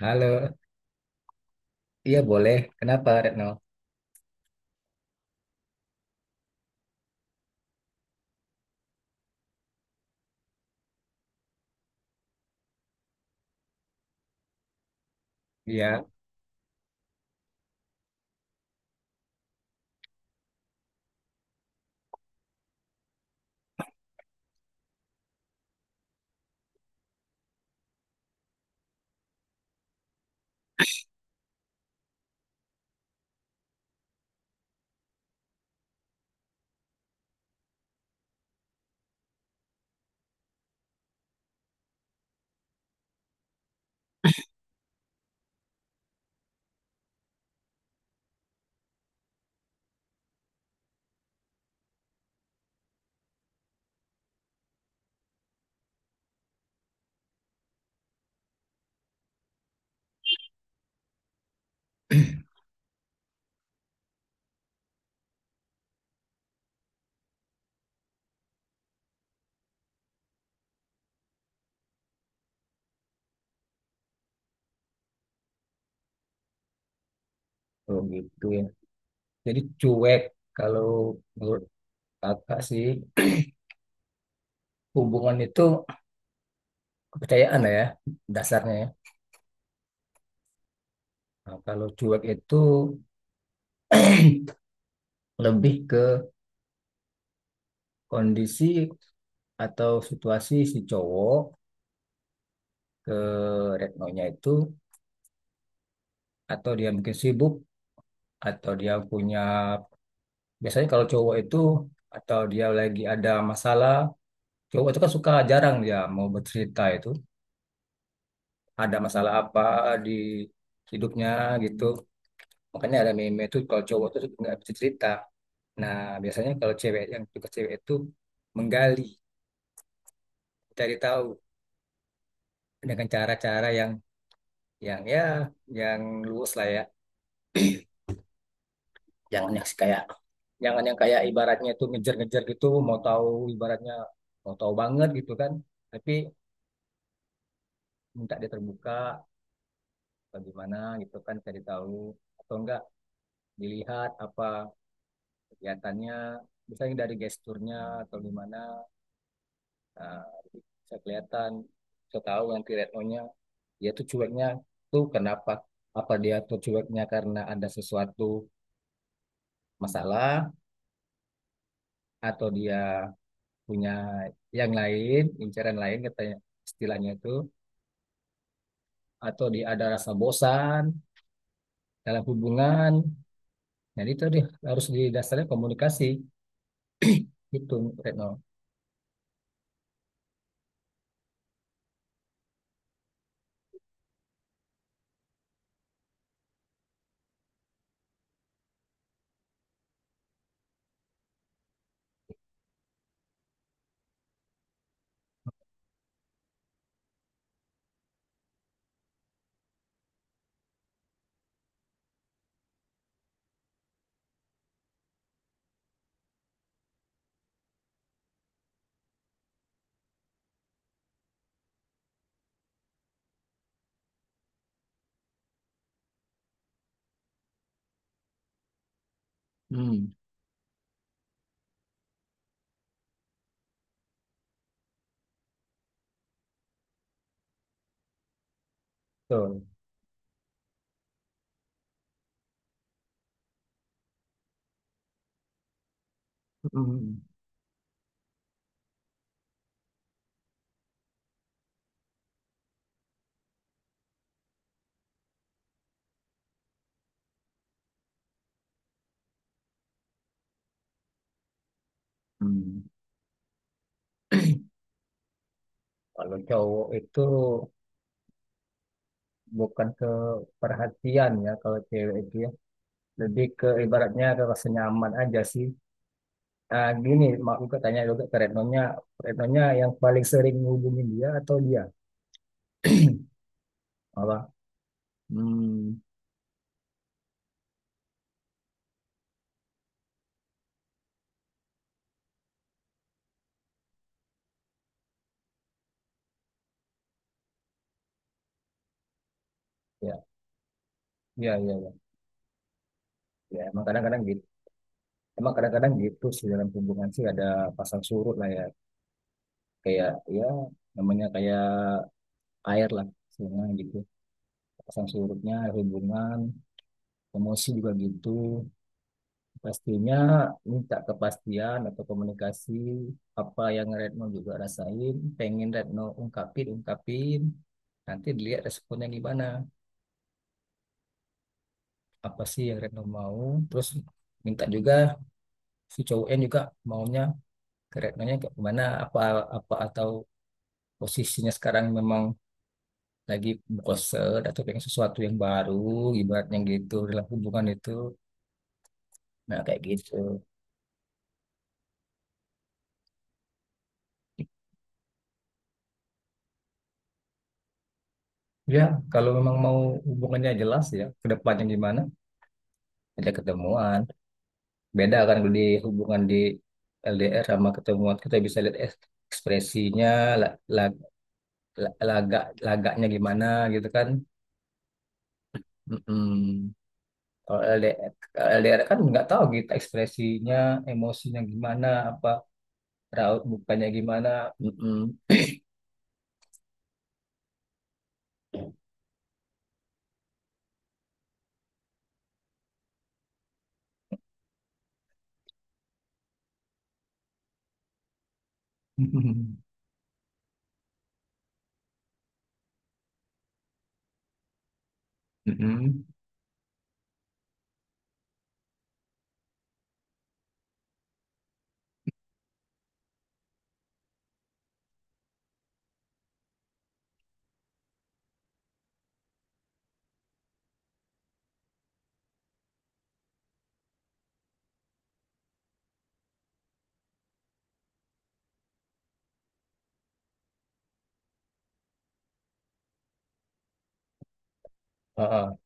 Halo, iya boleh. Kenapa Retno? Iya, oh gitu ya. Jadi cuek kalau menurut kakak sih hubungan itu kepercayaan lah ya dasarnya ya. Nah, kalau cuek itu lebih ke kondisi atau situasi si cowok ke Retnonya itu, atau dia mungkin sibuk, atau dia punya, biasanya kalau cowok itu atau dia lagi ada masalah, cowok itu kan suka jarang dia mau bercerita itu ada masalah apa di hidupnya gitu. Makanya ada meme itu kalau cowok tuh nggak bisa cerita. Nah, biasanya kalau cewek, yang tugas cewek itu menggali, cari tahu dengan cara-cara yang yang yang luwes lah ya. Jangan yang kayak Jangan yang kayak ibaratnya itu ngejar-ngejar gitu, mau tahu ibaratnya mau tahu banget gitu kan. Tapi minta dia terbuka, bagaimana gitu kan, cari tahu, atau enggak dilihat apa kelihatannya, misalnya dari gesturnya atau gimana. Nah, bisa kelihatan, saya tahu nanti retnonya dia tuh cueknya tuh kenapa, apa dia tuh cueknya karena ada sesuatu masalah, atau dia punya yang lain, incaran lain katanya, istilahnya itu, atau dia ada rasa bosan dalam hubungan. Jadi itu dia harus didasarkan komunikasi itu, Retno. Hmm. Betul. Hmm. Hmm. Kalau cowok itu bukan ke perhatian ya, kalau cewek itu ya lebih ke ibaratnya ke rasa nyaman aja sih. Ah gini, mak aku tanya juga ke Retnonya, Retnonya yang paling sering menghubungin dia, atau dia apa? Hmm. ya ya ya ya, ya, emang kadang-kadang gitu, emang kadang-kadang gitu sih dalam hubungan sih ada pasang surut lah ya, kayak, ya, namanya kayak air lah sebenarnya gitu. Pasang surutnya hubungan, emosi juga gitu. Pastinya minta kepastian atau komunikasi, apa yang Retno juga rasain, pengen Retno ungkapin, ungkapin. Nanti dilihat responnya gimana. Apa sih yang Retno mau? Terus minta juga si cowok N juga maunya ke Retnonya kayak gimana. Apa, apa, atau posisinya sekarang memang lagi bosen atau pengen sesuatu yang baru, ibaratnya gitu dalam hubungan itu. Nah, kayak gitu. Ya, kalau memang mau hubungannya jelas ya, ke depannya gimana, ada ketemuan, beda kan kalau di hubungan di LDR sama ketemuan kita bisa lihat es- ekspresinya, la- la- lagak lagaknya gimana gitu kan. Mm-mm. Kalau LDR, kalau LDR kan nggak tahu kita ekspresinya, emosinya gimana, apa raut mukanya gimana. Mm-mm. Mm-mm. Oh,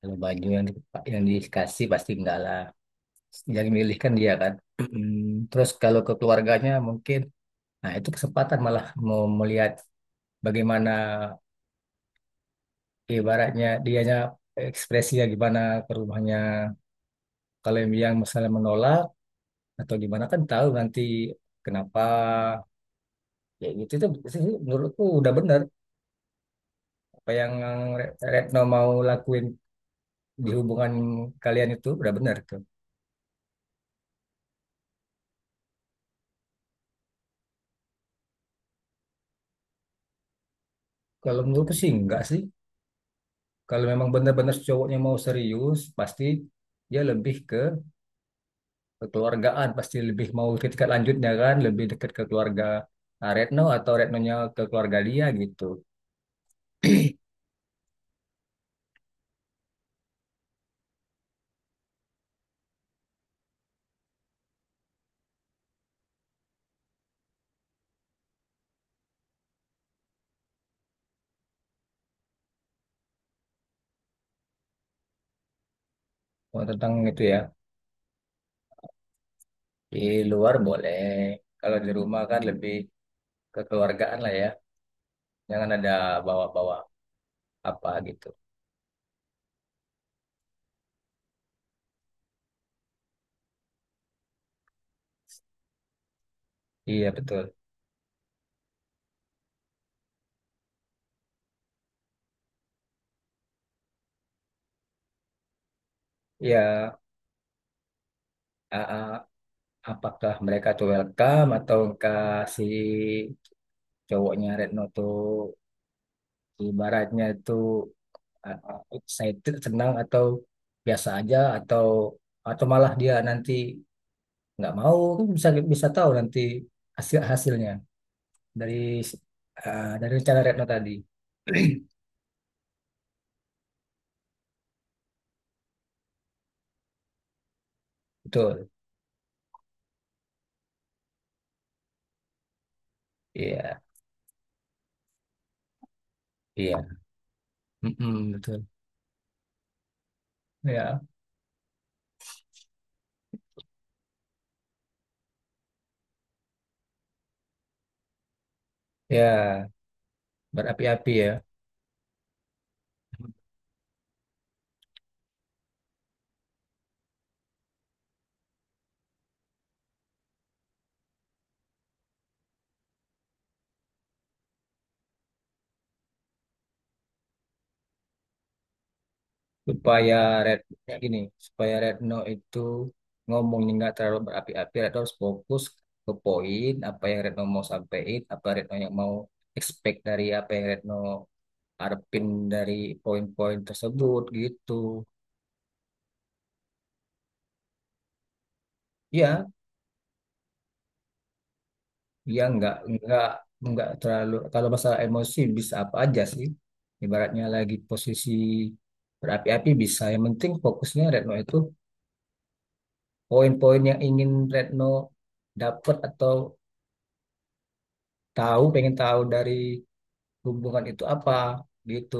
kalau baju yang yang dikasih pasti enggak lah, yang milih kan dia kan. Mm-mm. Terus kalau ke keluarganya mungkin, nah, itu kesempatan malah mau melihat bagaimana ibaratnya dianya ekspresinya gimana ke rumahnya. Kalau yang misalnya menolak atau gimana kan tahu nanti kenapa. Ya gitu itu sih menurutku udah benar apa yang Retno mau lakuin di hubungan kalian itu udah benar tuh. Kalau menurutku sih enggak sih. Kalau memang benar-benar cowoknya mau serius, pasti dia lebih ke kekeluargaan, pasti lebih mau ke tingkat lanjutnya, kan lebih dekat ke keluarga ah, Retno atau Retnonya ke keluarga dia gitu. Oh, tentang itu ya, di luar boleh. Kalau di rumah kan lebih kekeluargaan lah ya, jangan ada bawa-bawa apa gitu. Iya betul. Iya. Ah, ah, apakah mereka tuh welcome atau kasih cowoknya Retno tuh ibaratnya itu eh, excited, senang, atau biasa aja, atau malah dia nanti nggak mau, kan bisa bisa tahu nanti hasil hasilnya dari dari rencana Retno tadi. Betul. Iya, iya. Mm-mm, betul. Ya, ya berapi-api ya, supaya Retno gini, supaya Retno itu ngomongnya nggak terlalu berapi-api, Retno harus fokus ke poin apa yang Retno mau sampaikan, apa Retno yang mau expect dari apa yang Retno ngarepin dari poin-poin tersebut gitu. Ya, ya nggak terlalu, kalau masalah emosi bisa apa aja sih. Ibaratnya lagi posisi berapi-api bisa. Yang penting fokusnya Retno itu poin-poin yang ingin Retno dapat atau tahu, pengen tahu dari hubungan itu apa gitu.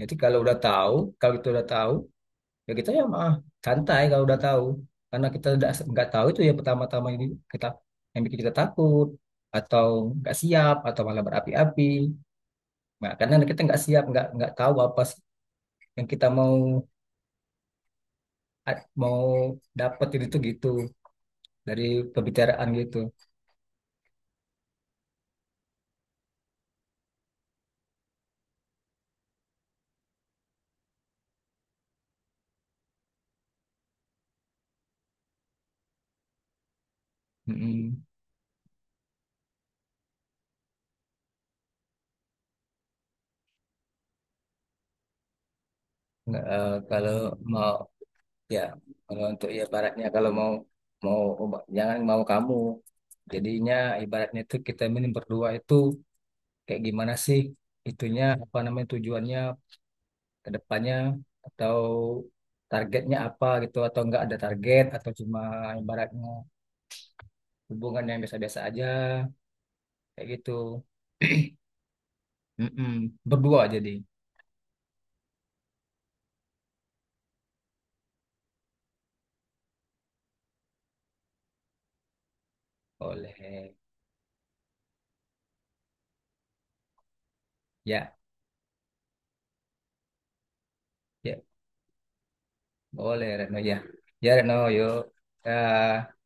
Jadi kalau udah tahu, kalau itu udah tahu ya kita ya mah santai kalau udah tahu, karena kita udah nggak tahu itu ya pertama-tama ini kita yang bikin kita takut atau nggak siap atau malah berapi-api. Nah, karena kita nggak siap, nggak tahu apa sih yang kita mau mau dapetin itu gitu dari pembicaraan gitu. Mm-mm. Nggak, kalau mau ya, kalau untuk ya ibaratnya kalau mau mau obat- jangan mau kamu, jadinya ibaratnya itu kita ini berdua itu kayak gimana sih, itunya apa namanya, tujuannya ke depannya atau targetnya apa gitu, atau enggak ada target, atau cuma ibaratnya hubungan yang biasa-biasa aja, kayak gitu. Mm-mm. Berdua jadi boleh ya, ya boleh Reno ya, ya Reno yuk. Ya.